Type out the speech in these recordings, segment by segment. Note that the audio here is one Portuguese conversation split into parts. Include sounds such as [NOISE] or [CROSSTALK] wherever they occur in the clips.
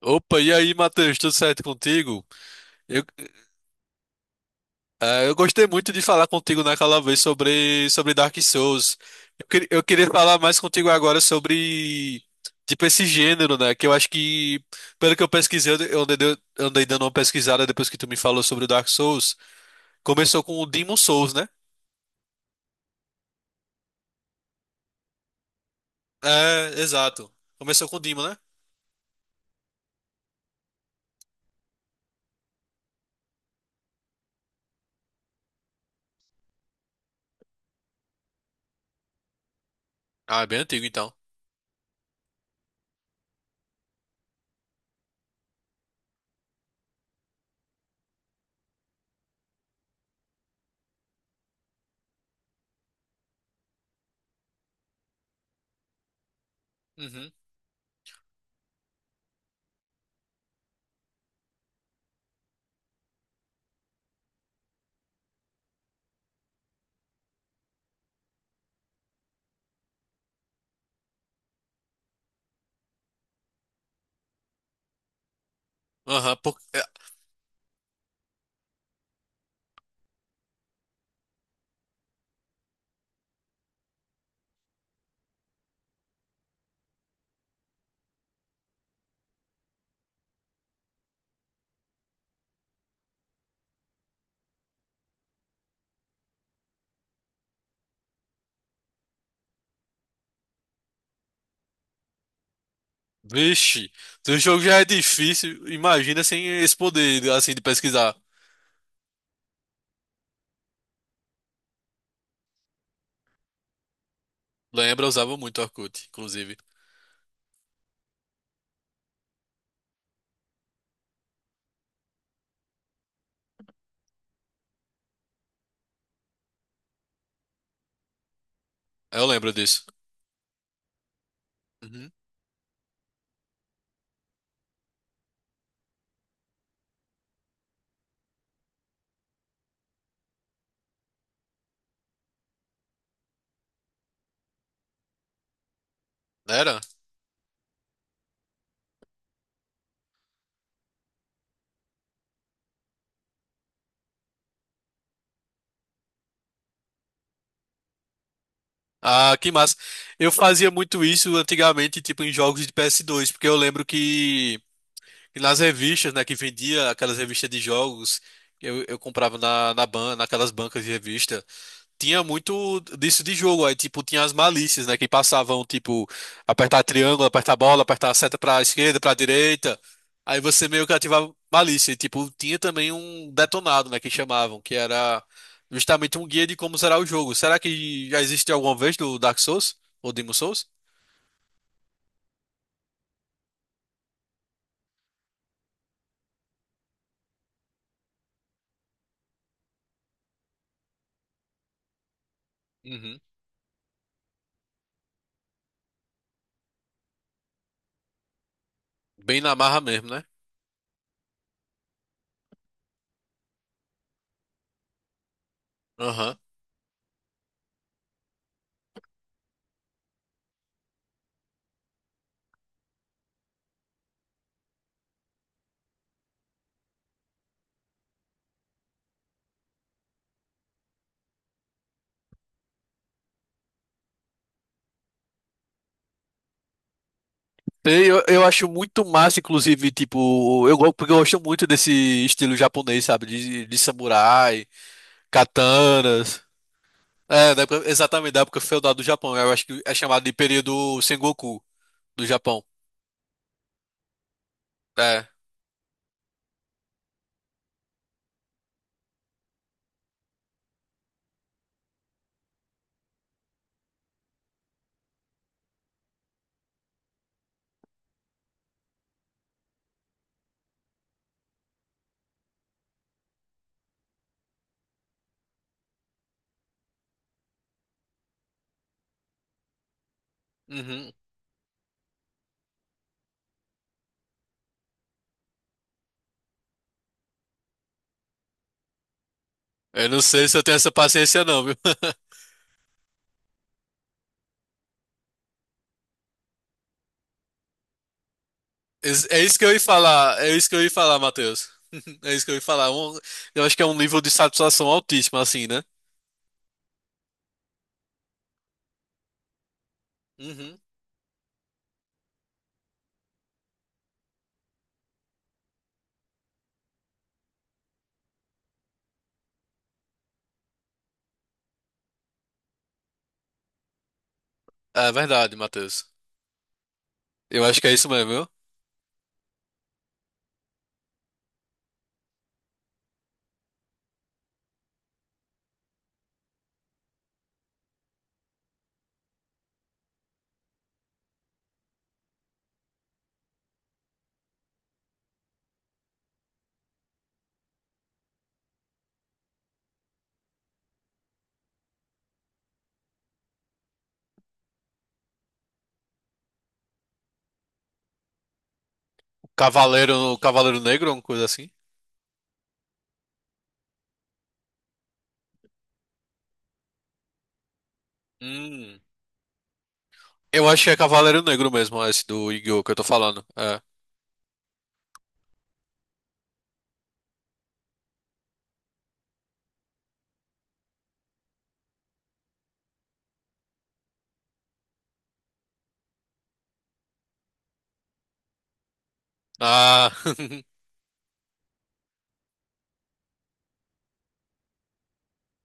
Opa, e aí, Matheus, tudo certo contigo? Eu, eu gostei muito de falar contigo naquela vez sobre Dark Souls. Eu queria falar mais contigo agora sobre, tipo, esse gênero, né? Que eu acho que, pelo que eu pesquisei, eu andei, andei dando uma pesquisada depois que tu me falou sobre o Dark Souls. Começou com o Demon Souls, né? É, exato. Começou com o Demon, né? Ah, é bem antigo, então. Uhum. Aham, é, vixe, se o jogo já é difícil, imagina sem esse poder, assim, de pesquisar. Lembra, eu usava muito o Orkut, inclusive. Eu lembro disso. Uhum. Era? Ah, que massa. Eu fazia muito isso antigamente, tipo, em jogos de PS2, porque eu lembro que nas revistas, né, que vendia aquelas revistas de jogos, eu comprava naquelas bancas de revista. Tinha muito disso de jogo. Aí, tipo, tinha as malícias, né? Que passavam, tipo, apertar triângulo, apertar bola, apertar a seta pra esquerda, pra direita. Aí você meio que ativava malícia. E, tipo, tinha também um detonado, né? Que chamavam, que era justamente um guia de como será o jogo. Será que já existe alguma vez do Dark Souls? Ou Demon Souls? Uhum. Bem na marra mesmo, né? Aham. Sei, eu acho muito massa, inclusive, tipo, porque eu gosto muito desse estilo japonês, sabe? De, samurai, katanas. É, exatamente, da época feudal do Japão. Eu acho que é chamado de período Sengoku do Japão. É. Uhum. Eu não sei se eu tenho essa paciência, não, viu? [LAUGHS] É isso que eu ia falar, é isso que eu ia falar, Matheus. [LAUGHS] É isso que eu ia falar. Eu acho que é um nível de satisfação altíssimo, assim, né? Uhum. É verdade, Matheus. Eu acho que é isso mesmo, viu? Cavaleiro, Cavaleiro Negro, uma coisa assim. Hum. Eu acho que é Cavaleiro Negro mesmo, esse do Yu-Gi-Oh! Que eu tô falando. É. Ah,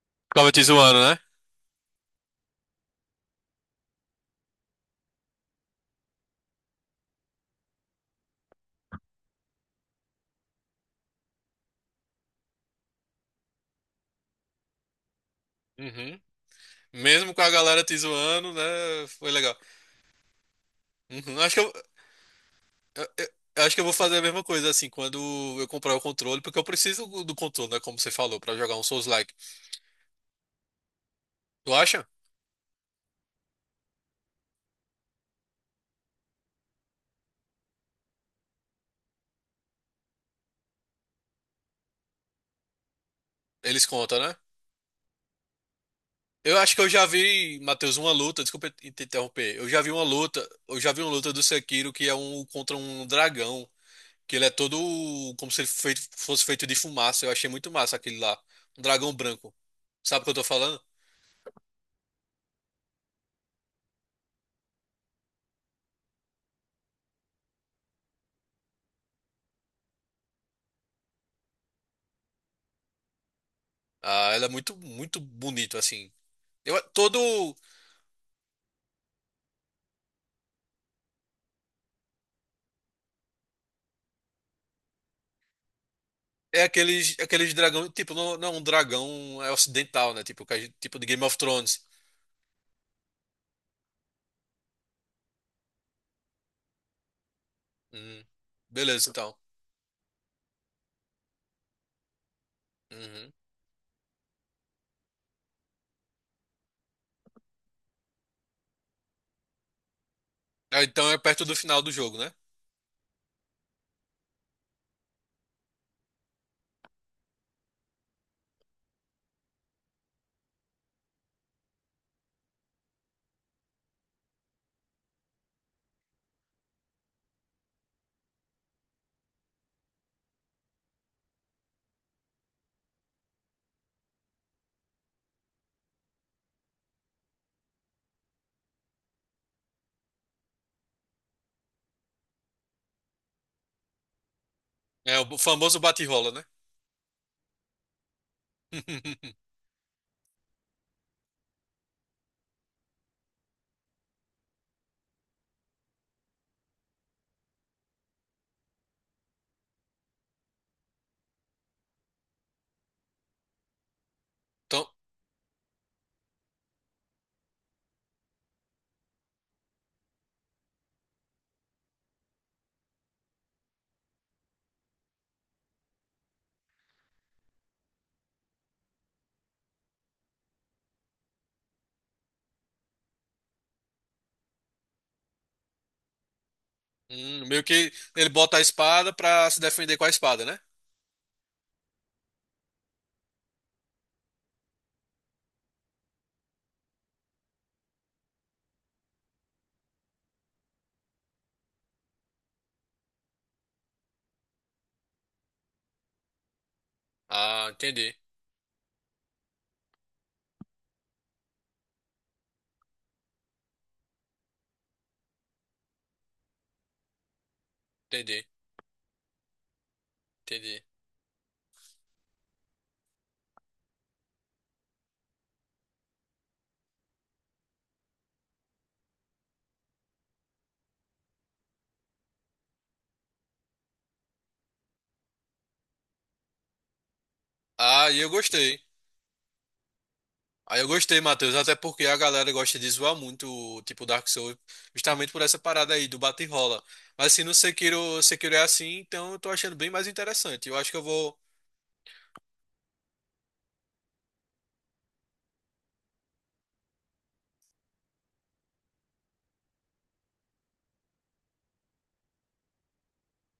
[LAUGHS] ficava te zoando, né? Uhum. Mesmo com a galera te zoando, né? Foi legal. Uhum, acho que eu- eu acho que eu vou fazer a mesma coisa, assim, quando eu comprar o controle, porque eu preciso do controle, né? Como você falou, pra jogar um Souls-like. Tu acha? Eles contam, né? Eu acho que eu já vi, Matheus, uma luta, desculpa te interromper. Eu já vi uma luta, eu já vi uma luta do Sekiro que é um contra um dragão, que ele é todo como se ele fosse feito de fumaça. Eu achei muito massa aquele lá. Um dragão branco. Sabe o que eu tô falando? Ah, ela é muito, muito bonito, assim. Eu, todo É aqueles, aqueles dragão, tipo, não, não é um dragão, é ocidental, né? Tipo, tipo de Game of Thrones. Hum, beleza, então. Uhum. Ah, então é perto do final do jogo, né? É o famoso bate-rola, né? [LAUGHS] Então, meio que ele bota a espada pra se defender com a espada, né? Ah, entendi, entendi, entendi. Ah, e eu gostei. Aí eu gostei, Matheus, até porque a galera gosta de zoar muito, tipo, Dark Souls, justamente por essa parada aí do bate e rola. Mas se no Sekiro, Sekiro é assim, então eu tô achando bem mais interessante. Eu acho que eu vou.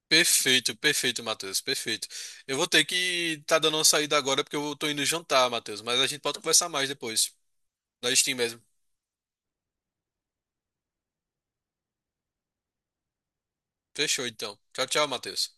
Perfeito, perfeito, Matheus, perfeito. Eu vou ter que tá dando uma saída agora porque eu tô indo jantar, Matheus, mas a gente pode conversar mais depois, na Steam mesmo. Fechou, então. Tchau, tchau, Matheus.